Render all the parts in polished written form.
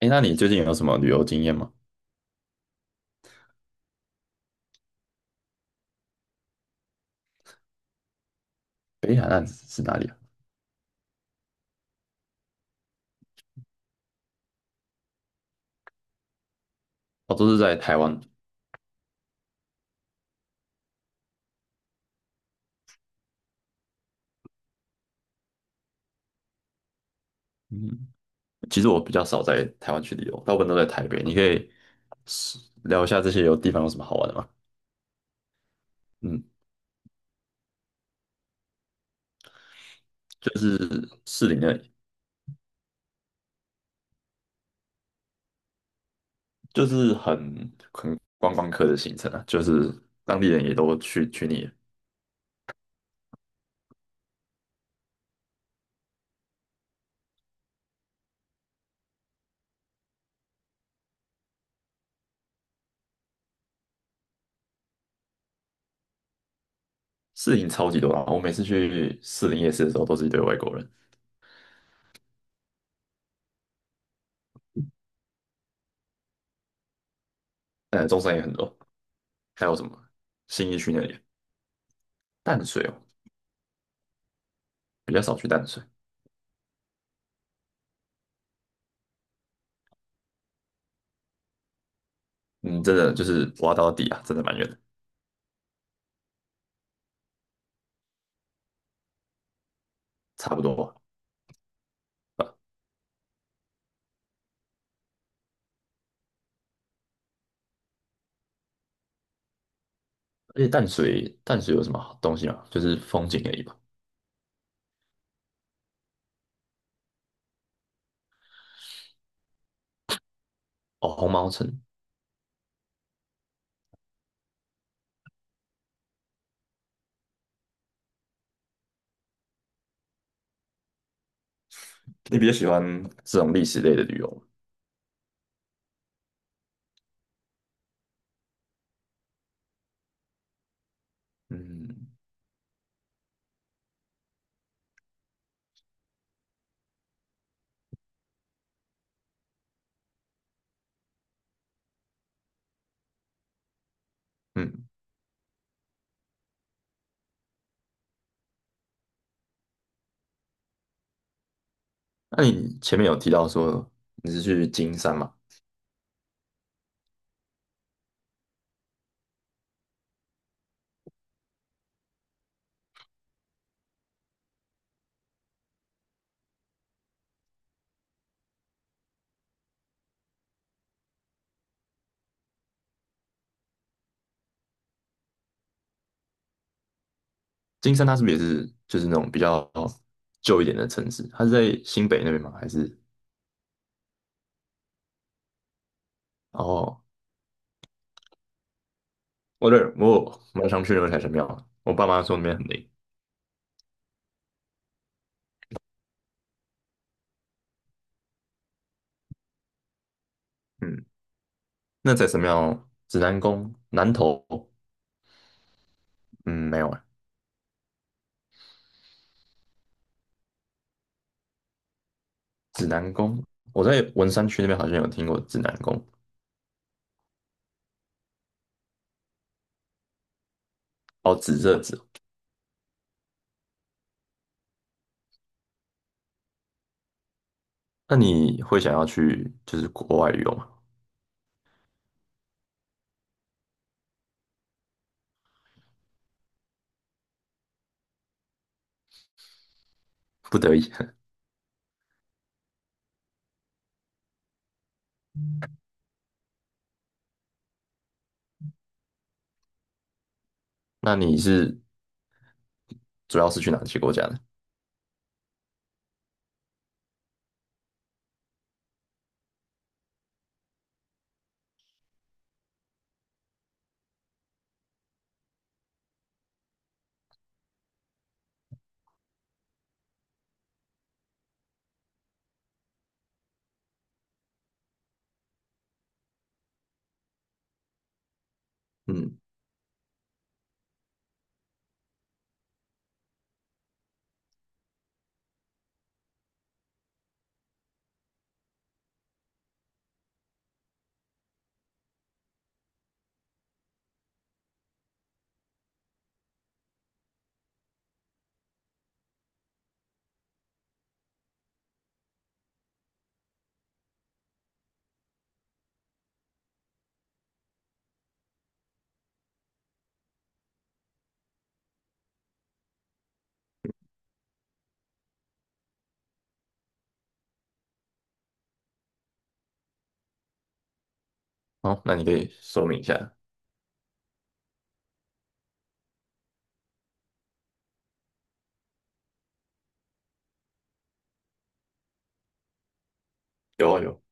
哎，那你最近有什么旅游经验吗？北海岸是哪里啊？哦，都是在台湾。嗯，其实我比较少在台湾去旅游，大部分都在台北。你可以是聊一下这些有地方有什么好玩的吗？嗯，就是士林那里，就是很观光客的行程啊，就是当地人也都去腻了。士林超级多啊，我每次去士林夜市的时候都是一堆外国人，中山也很多，还有什么新义区那里，淡水哦，比较少去淡水。嗯，真的就是挖到底啊，真的蛮远的。差不多吧。呃而且淡水有什么好东西吗？就是风景而已吧。哦，红毛城，你比较喜欢这种历史类的旅游吗？嗯嗯，那你前面有提到说你是去金山嘛？金山它是不是也是就是那种比较旧一点的城市？它是在新北那边吗？还是哦，我这我蛮想去那个财神庙的，我爸妈说那边很灵。嗯，那财神庙、指南宫、南头，嗯，没有指南宫，我在文山区那边好像有听过指南宫，哦，指这指哦那你会想要去就是国外旅游吗？不得已，那你是主要是去哪些国家呢？嗯，好，那你可以说明一下。有啊有，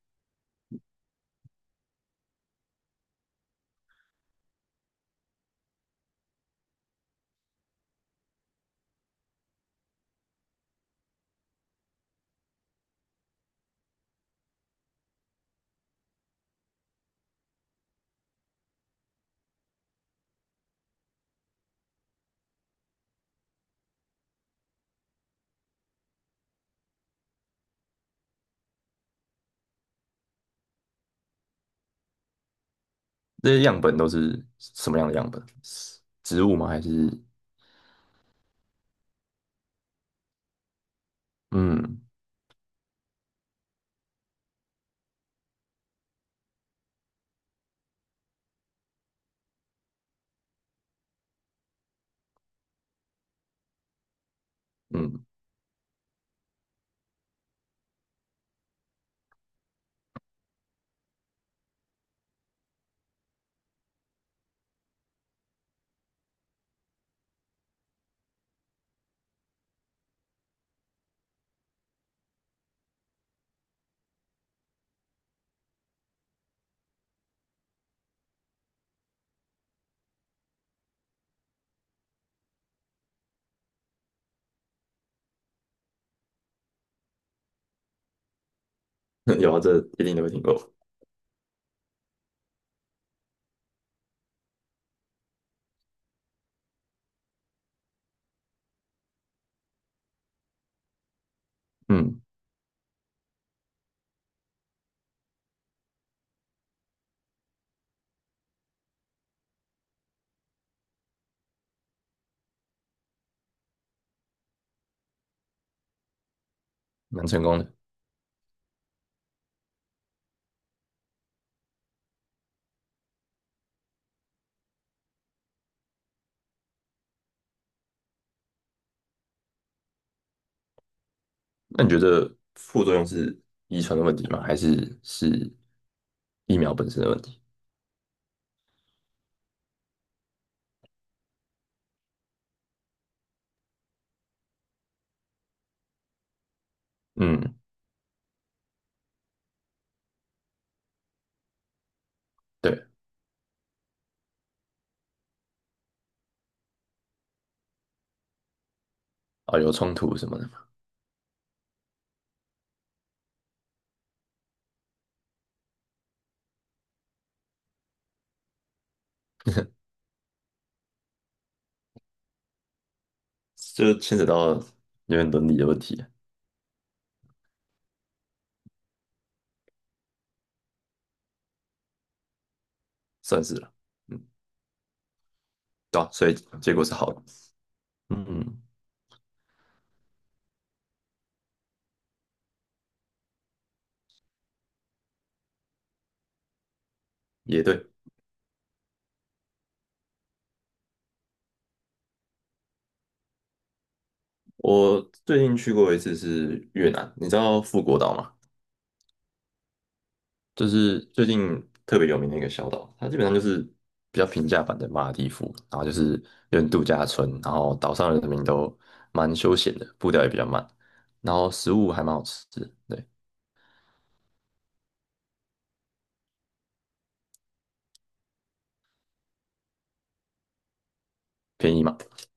这些样本都是什么样的样本？是植物吗？还是嗯嗯，有啊，这一定都会听过。嗯，蛮成功的。那你觉得副作用是遗传的问题吗？还是是疫苗本身的问题？嗯，对，啊，有冲突什么的。就牵扯到有点伦理的问题，算是了。嗯，对啊，所以结果是好的。嗯，也对。我最近去过一次是越南，你知道富国岛吗？就是最近特别有名的一个小岛，它基本上就是比较平价版的马尔代夫，然后就是有点度假村，然后岛上的人民都蛮休闲的，步调也比较慢，然后食物还蛮好吃的，对，便宜嘛。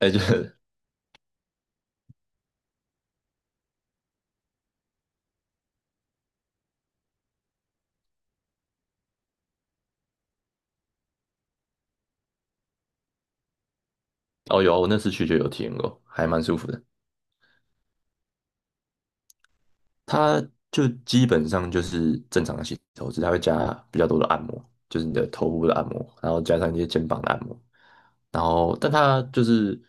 哎、就是哦有啊我那次去就有体验过，还蛮舒服的。它就基本上就是正常的洗头，只是它会加比较多的按摩，就是你的头部的按摩，然后加上一些肩膀的按摩，然后但它就是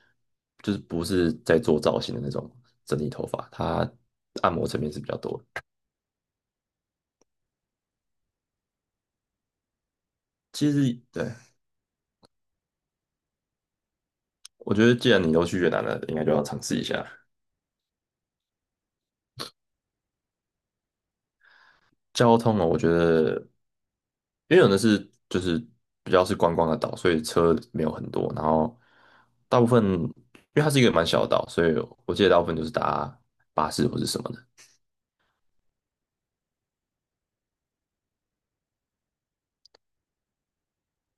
不是在做造型的那种整理头发，它按摩层面是比较多的其实对，我觉得既然你都去越南了，应该就要尝试一下。交通哦，我觉得，因为有的是就是比较是观光的岛，所以车没有很多，然后大部分因为它是一个蛮小的岛，所以我记得大部分就是搭巴士或是什么的，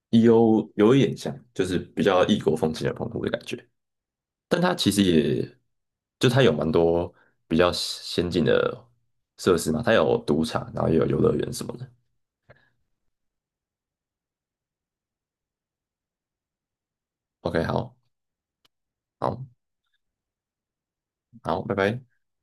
有有一点像，就是比较异国风情的澎湖的感觉，但它其实也就它有蛮多比较先进的设施嘛，它有赌场，然后也有游乐园什么的。OK，好，好，好，拜拜。